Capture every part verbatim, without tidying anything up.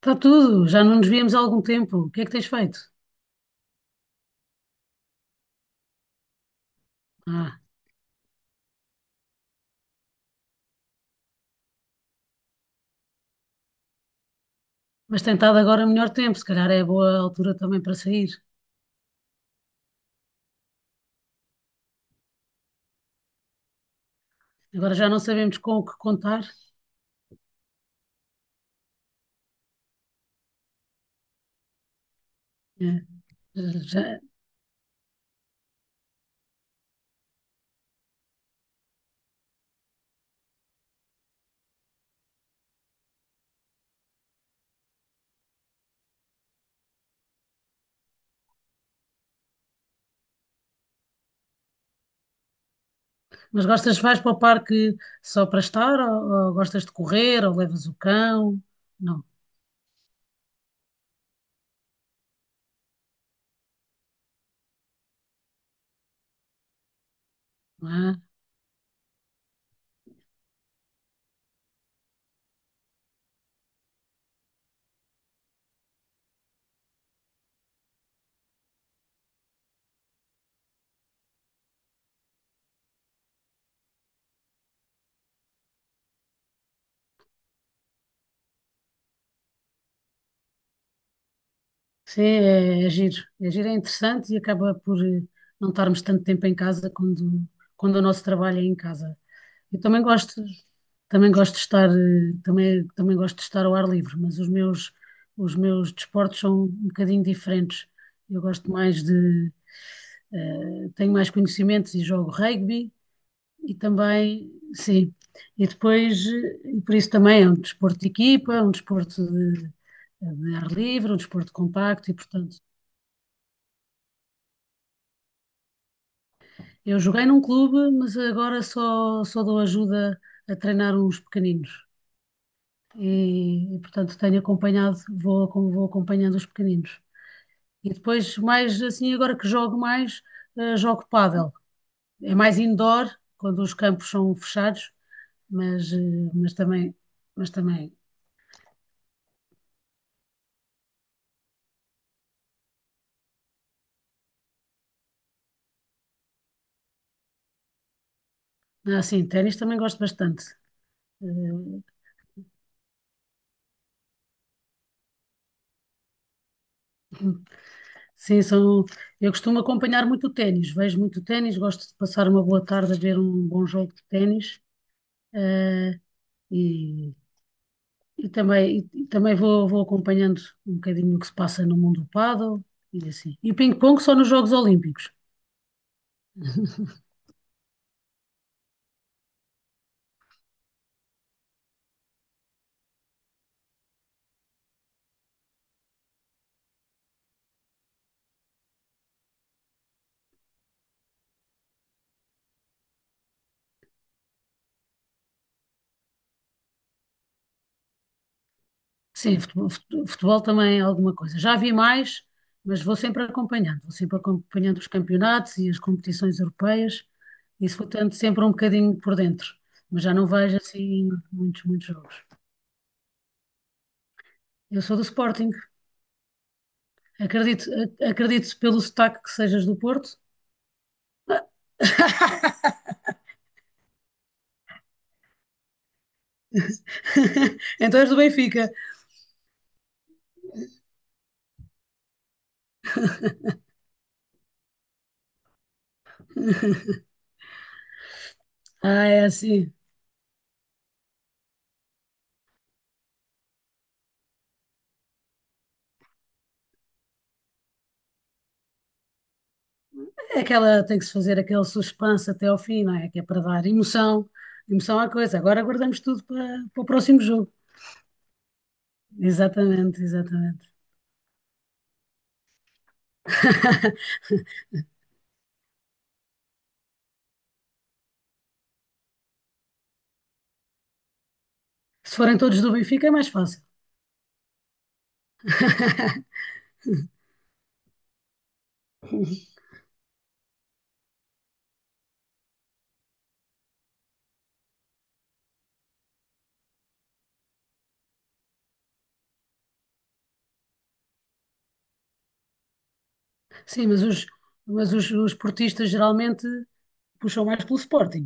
Está tudo, já não nos víamos há algum tempo. O que é que tens feito? Ah, mas tem estado agora melhor tempo, se calhar é boa altura também para sair. Agora já não sabemos com o que contar. É, já- Mas gostas, vais para o parque só para estar, ou, ou gostas de correr, ou levas o cão? Não, não é? Sim, é, é giro. É giro, é interessante e acaba por eh, não estarmos tanto tempo em casa quando, quando o nosso trabalho é em casa. Eu também gosto, também gosto de estar, eh, também, também gosto de estar ao ar livre, mas os meus, os meus desportos são um bocadinho diferentes. Eu gosto mais de, eh, tenho mais conhecimentos e jogo rugby e também, sim, e depois, eh, e por isso também é um desporto de equipa, um desporto de, de ar livre, um desporto compacto e, portanto, eu joguei num clube, mas agora só, só dou ajuda a treinar uns pequeninos. E, e, portanto tenho acompanhado, vou, vou acompanhando os pequeninos. E depois, mais assim, agora que jogo mais, eh, jogo pádel. É mais indoor, quando os campos são fechados, mas, eh, mas também, mas também, ah, sim, ténis também gosto bastante. Eh, Sim, são, eu costumo acompanhar muito o ténis, vejo muito o ténis, gosto de passar uma boa tarde a ver um bom jogo de ténis, eh, e, E também, e também vou, vou acompanhando um bocadinho o que se passa no mundo do pádel e assim. E o ping-pong só nos Jogos Olímpicos. Sim, futebol, fute- futebol também é alguma coisa. Já vi mais, mas vou sempre acompanhando. Vou sempre acompanhando os campeonatos e as competições europeias. Isso vou tendo sempre um bocadinho por dentro. Mas já não vejo assim muitos, muitos jogos. Eu sou do Sporting. Acredito, a- acredito pelo sotaque que sejas do Porto. Então és do Benfica. Ah, é assim. É aquela, tem que se fazer aquele suspense até ao fim, não é? Que é para dar emoção, emoção à coisa. Agora guardamos tudo para, para o próximo jogo. Exatamente, exatamente. Se forem todos do Benfica é mais fácil. Sim, mas os, mas os, os portistas geralmente puxam mais pelo Sporting.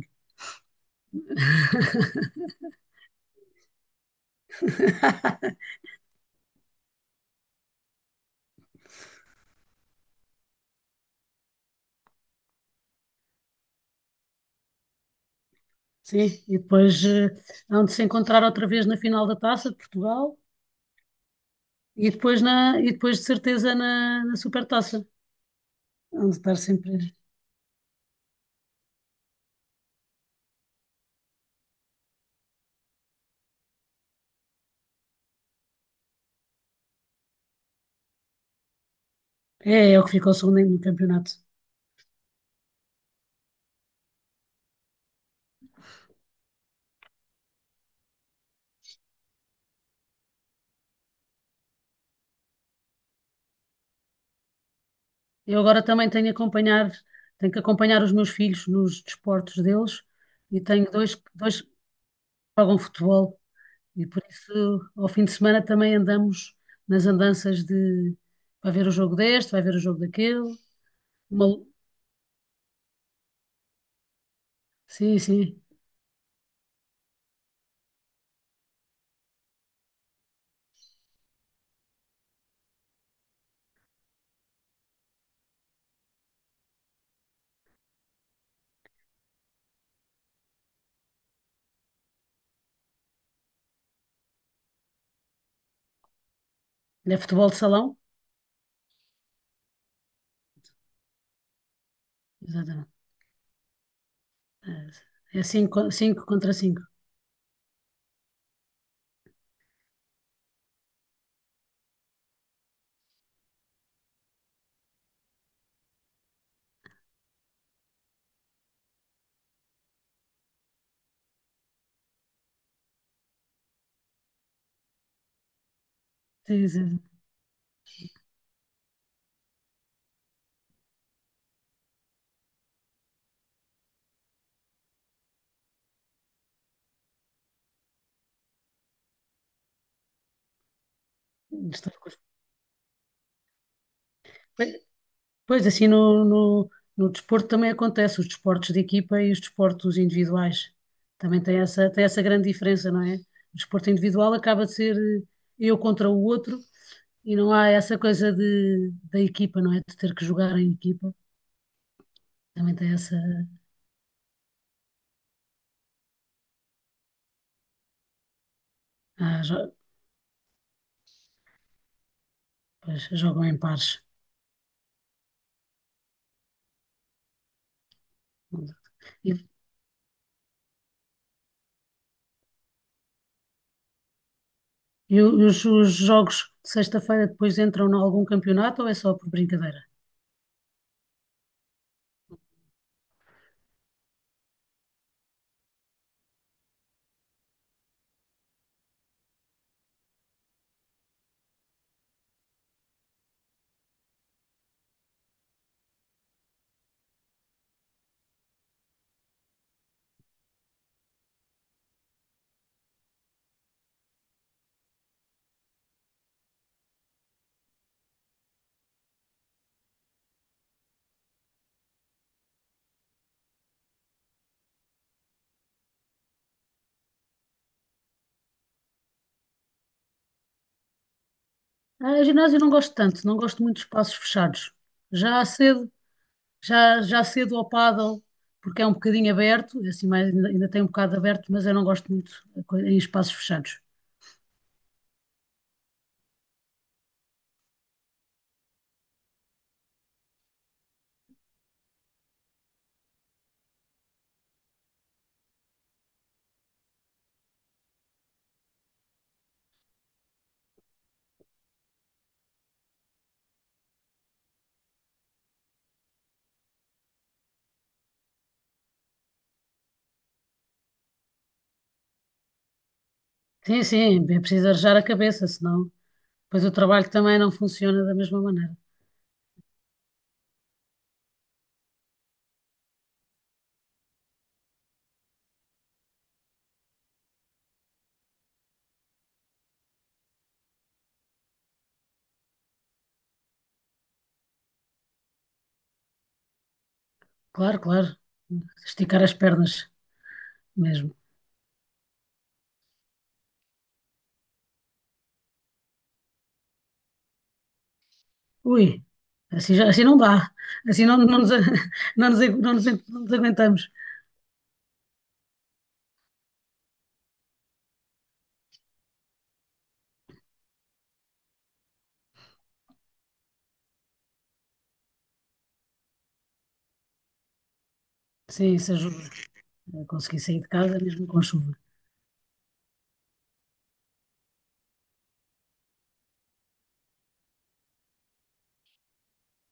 Sim, e depois eh, hão de se encontrar outra vez na final da Taça de Portugal e depois, na, e depois de certeza na, na Supertaça. Hão de estar sempre... É, é o que ficou segundo no campeonato. Eu agora também tenho acompanhar, tenho que acompanhar os meus filhos nos desportos deles e tenho dois, dois que jogam futebol e por isso ao fim de semana também andamos nas andanças de vai ver o jogo deste, vai ver o jogo daquele. Uma- sim, sim, é futebol de salão, exatamente. É é cinco, contra cinco contra cinco. Estou com os- Pois assim no, no, no desporto também acontece, os desportos de equipa e os desportos individuais. Também tem essa, tem essa grande diferença, não é? O desporto individual acaba de ser eh, eu contra o outro e não há essa coisa de, da equipa, não é? De ter que jogar em equipa. Também tem essa. Ah, jo- Pois, jogam em pares. E, e os, os jogos de sexta-feira depois entram em algum campeonato ou é só por brincadeira? Ah, ginásio eu não gosto tanto, não gosto muito de espaços fechados. Já há cedo. Já, já cedo ao pádel, porque é um bocadinho aberto, é assim, mais, ainda, ainda tem um bocado aberto, mas eu não gosto muito de co- em espaços fechados. Sim, sim, é preciso arejar a cabeça, senão depois o trabalho também não funciona da mesma maneira. Claro, claro, esticar as pernas mesmo. Ui, assim, já- assim não dá, assim não, não nos, a- não nos, a- não nos, a- não nos aguentamos. Sim, isso ajuda. Eu consegui sair de casa mesmo com chuva.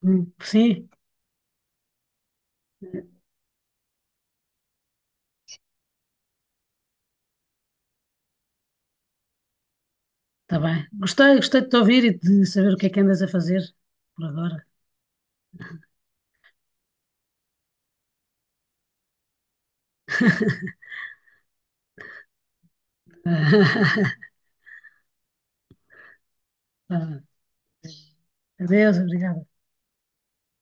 Hum, Sim, está bem. Gostei, gostei de te ouvir e de saber o que é que andas a fazer por agora. Adeus, obrigada.